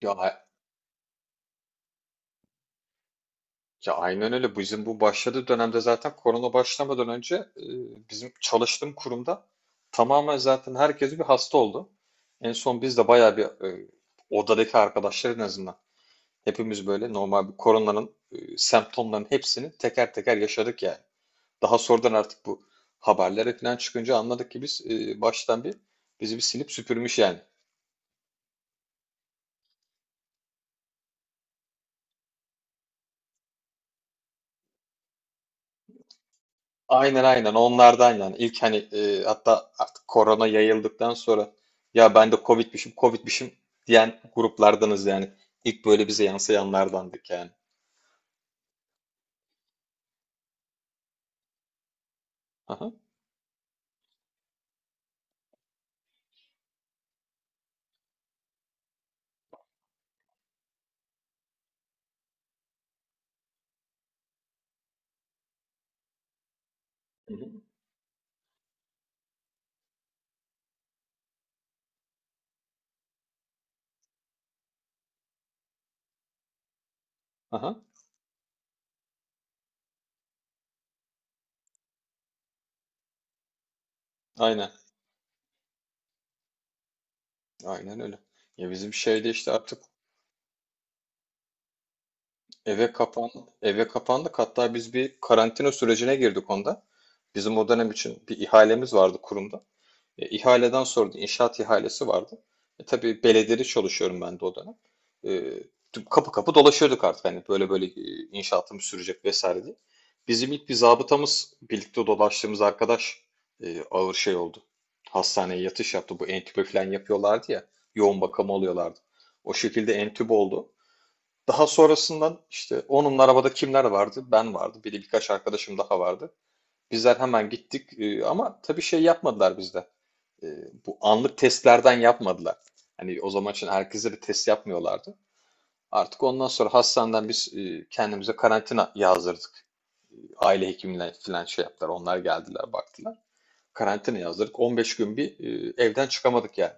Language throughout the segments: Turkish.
Ya, a- ya, aynen öyle. Bizim bu başladığı dönemde zaten korona başlamadan önce bizim çalıştığım kurumda tamamen zaten herkes bir hasta oldu. En son biz de bayağı bir odadaki arkadaşlar en azından hepimiz böyle normal bir koronanın semptomlarının hepsini teker teker yaşadık yani. Daha sonradan artık bu haberlere falan çıkınca anladık ki biz baştan bir bizi bir silip süpürmüş yani. Aynen aynen onlardan yani ilk hani hatta artık korona yayıldıktan sonra ya ben de Covid'mişim Covid'mişim diyen gruplardanız yani. İlk böyle bize yansıyanlardandık yani. Aha. Hı hı. Aha. Aynen. Aynen öyle. Ya bizim şeyde işte artık eve kapan eve kapandık. Hatta biz bir karantina sürecine girdik onda. Bizim o dönem için bir ihalemiz vardı kurumda. İhaleden sordu. İnşaat ihalesi vardı. Tabii belediyede çalışıyorum ben de o dönem. E, Kapı kapı dolaşıyorduk artık hani böyle böyle inşaatım sürecek vesaire diye. Bizim ilk bir zabıtamız birlikte dolaştığımız arkadaş ağır şey oldu. Hastaneye yatış yaptı. Bu entübe falan yapıyorlardı ya. Yoğun bakım oluyorlardı. O şekilde entübe oldu. Daha sonrasından işte onun arabada kimler vardı? Ben vardı. Bir de birkaç arkadaşım daha vardı. Bizler hemen gittik ama tabii şey yapmadılar bizde e, bu anlık testlerden yapmadılar. Hani o zaman için herkese bir test yapmıyorlardı. Artık ondan sonra hastaneden biz kendimize karantina yazdırdık. Aile hekimine falan şey yaptılar. Onlar geldiler baktılar. Karantina yazdırdık. 15 gün bir evden çıkamadık yani.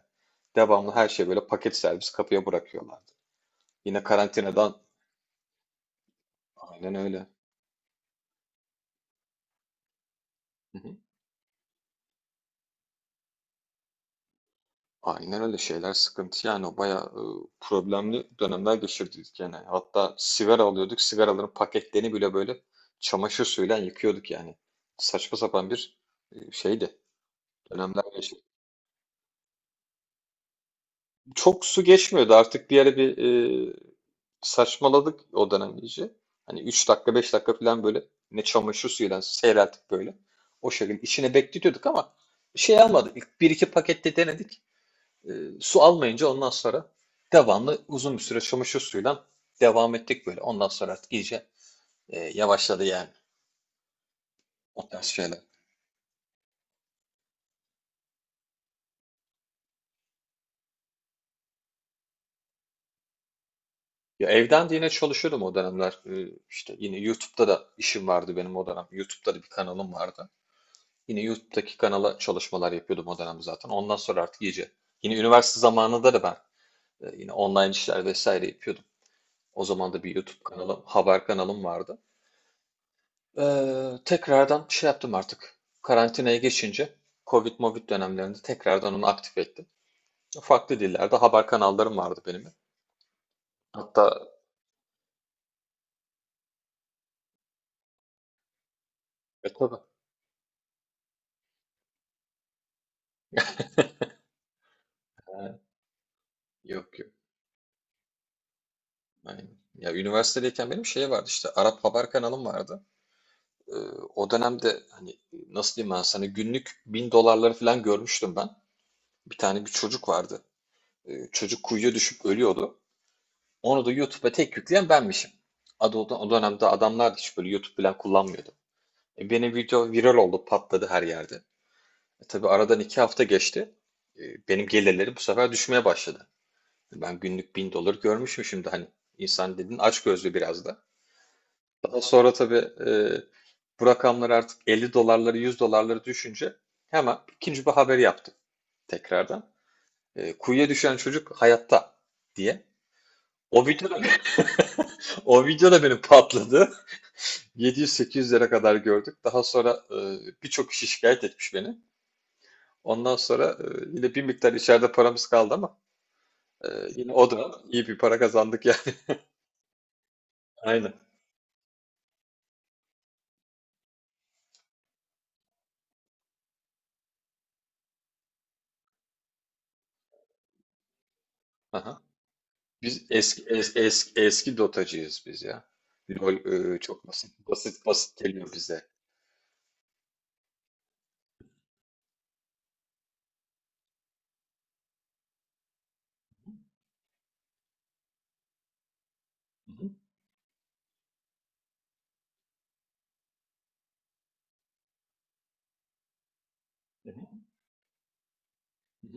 Devamlı her şey böyle paket servis kapıya bırakıyorlardı. Yine karantinadan. Aynen öyle. Hı hı. Aynen öyle şeyler sıkıntı yani o bayağı problemli dönemler geçirdik yani. Hatta sigara alıyorduk. Sigaraların paketlerini bile böyle çamaşır suyuyla yıkıyorduk yani. Saçma sapan bir şeydi. Dönemler geçirdik. Çok su geçmiyordu artık bir ara bir e, saçmaladık o dönem iyice. Hani 3 dakika 5 dakika falan böyle ne çamaşır suyuyla seyreltip böyle. O şekilde içine bekletiyorduk ama şey almadık. Bir iki pakette denedik. E, Su almayınca ondan sonra devamlı uzun bir süre çamaşır suyuyla devam ettik böyle. Ondan sonra artık iyice yavaşladı yani o tarz şeyler. Ya evden de yine çalışıyordum o dönemler. İşte yine YouTube'da da işim vardı benim o dönem. YouTube'da da bir kanalım vardı. Yine YouTube'daki kanala çalışmalar yapıyordum o dönem zaten. Ondan sonra artık iyice. Yine üniversite zamanında da ben yine online işler vesaire yapıyordum. O zaman da bir YouTube kanalım, haber kanalım vardı. Tekrardan şey yaptım artık. Karantinaya geçince Covid Movid dönemlerinde tekrardan onu aktif ettim. Farklı dillerde haber kanallarım vardı benim. Hatta tabii. Ha, yok yok. Aynen. Ya üniversitedeyken benim şey vardı işte Arap haber kanalım vardı. Ee, O dönemde hani nasıl diyeyim ben sana günlük 1.000 dolarları falan görmüştüm ben. Bir tane bir çocuk vardı. Çocuk kuyuya düşüp ölüyordu. Onu da YouTube'a tek yükleyen benmişim. Adı, o dönemde adamlar hiç böyle YouTube falan kullanmıyordu. Benim video viral oldu, patladı her yerde. Tabii aradan 2 hafta geçti. E, Benim gelirlerim bu sefer düşmeye başladı. Ben günlük 1.000 dolar görmüşüm şimdi hani. İnsan dedin açgözlü biraz da. Daha sonra tabii bu rakamlar artık 50 dolarları 100 dolarları düşünce hemen ikinci bir haber yaptım tekrardan. Kuyuya düşen çocuk hayatta diye. O video da, o video da benim patladı. 700-800 lira kadar gördük. Daha sonra birçok kişi şikayet etmiş beni. Ondan sonra yine bir miktar içeride paramız kaldı ama e, yine o da iyi bir para kazandık yani. Aynen. Aha. Biz eski dotacıyız biz ya. LoL çok basit basit basit geliyor bize. Hı hı, hı hı,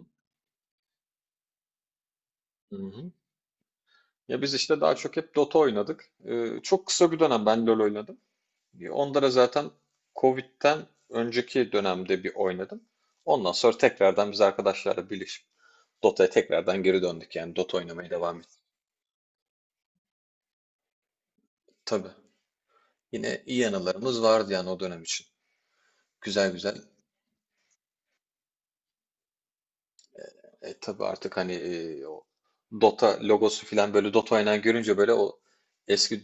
hı hı. Ya biz işte daha çok hep Dota oynadık. Çok kısa bir dönem ben LoL oynadım. Onda da zaten Covid'den önceki dönemde bir oynadım. Ondan sonra tekrardan biz arkadaşlarla birleşip Dota'ya tekrardan geri döndük yani Dota oynamaya devam ettik. Tabii. Yine iyi anılarımız vardı yani o dönem için. Güzel güzel. Tabii artık hani o Dota logosu falan böyle Dota oynayan görünce böyle o eski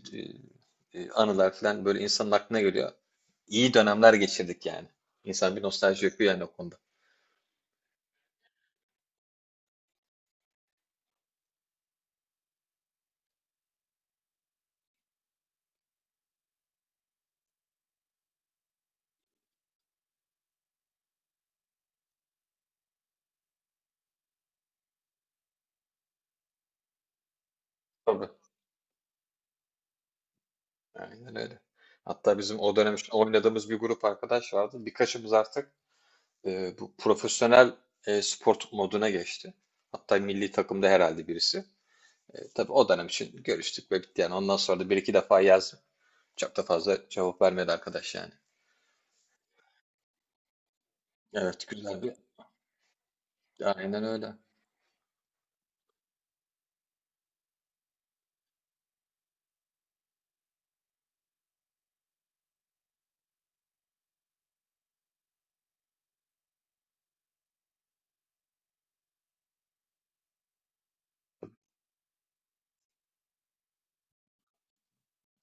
anılar falan böyle insanın aklına geliyor. İyi dönemler geçirdik yani. İnsan bir nostalji yapıyor yani o konuda. Tabii. Aynen öyle. Hatta bizim o dönem için oynadığımız bir grup arkadaş vardı. Birkaçımız artık bu profesyonel spor moduna geçti. Hatta milli takımda herhalde birisi. Tabii o dönem için görüştük ve bitti yani. Ondan sonra da bir iki defa yazdım. Çok da fazla cevap vermedi arkadaş yani. Evet, güzel bir. Aynen öyle.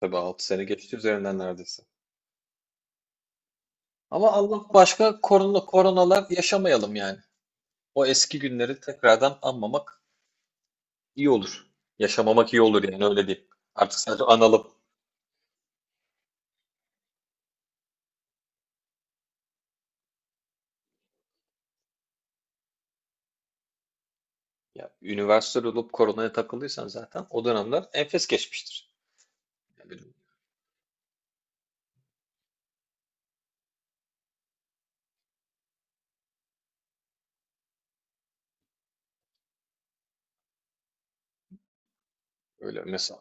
Tabii 6 sene geçti üzerinden neredeyse. Ama Allah başka korona, koronalar yaşamayalım yani. O eski günleri tekrardan anmamak iyi olur. Yaşamamak iyi olur yani öyle diyeyim. Artık sadece analım. Ya, üniversite olup koronaya takıldıysan zaten o dönemler enfes geçmiştir. Yani öyle mesela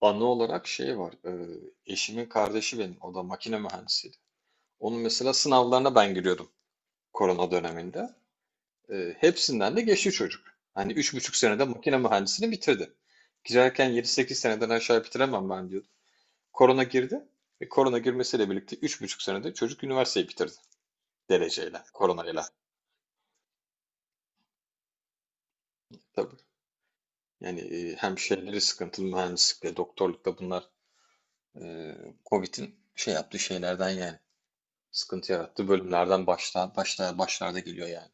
anı olarak şey var. Eşimin kardeşi benim. O da makine mühendisiydi. Onun mesela sınavlarına ben giriyordum korona döneminde. Hepsinden de geçti çocuk. Hani 3,5 senede makine mühendisliğini bitirdi. Girerken 7 sekiz seneden aşağı bitiremem ben diyordu. Korona girdi. Ve korona girmesiyle birlikte 3,5 senede çocuk üniversiteyi bitirdi. Dereceyle, koronayla. Tabii. Yani hem şeyleri sıkıntılı mühendislikle, doktorlukla bunlar e, Covid'in şey yaptığı şeylerden yani. Sıkıntı yarattı. Bölümlerden başlarda geliyor yani.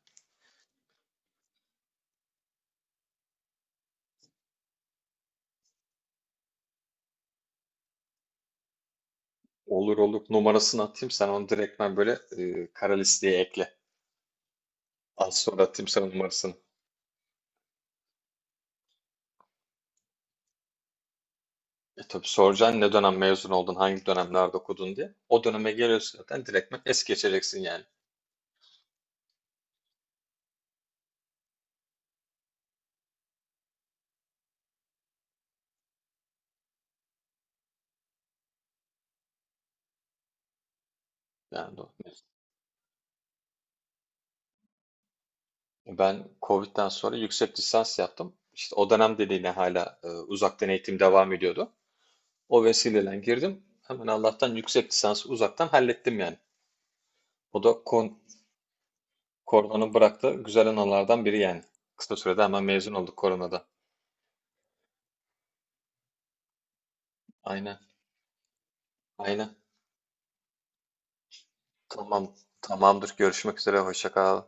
Olur olur. Numarasını atayım. Sen onu direktmen böyle kara listeye ekle. Az sonra atayım sana numarasını. Tabii soracaksın ne dönem mezun oldun, hangi dönemlerde okudun diye. O döneme geliyorsun zaten direktmen es geçeceksin yani. Yani doğru. Ben Covid'den sonra yüksek lisans yaptım. İşte o dönem dediğine hala uzaktan eğitim devam ediyordu. O vesileyle girdim. Hemen Allah'tan yüksek lisansı uzaktan hallettim yani. O da koronanın bıraktığı güzel anılardan biri yani. Kısa sürede hemen mezun olduk koronada. Aynen, aynen. Tamam, tamamdır. Görüşmek üzere. Hoşça kal.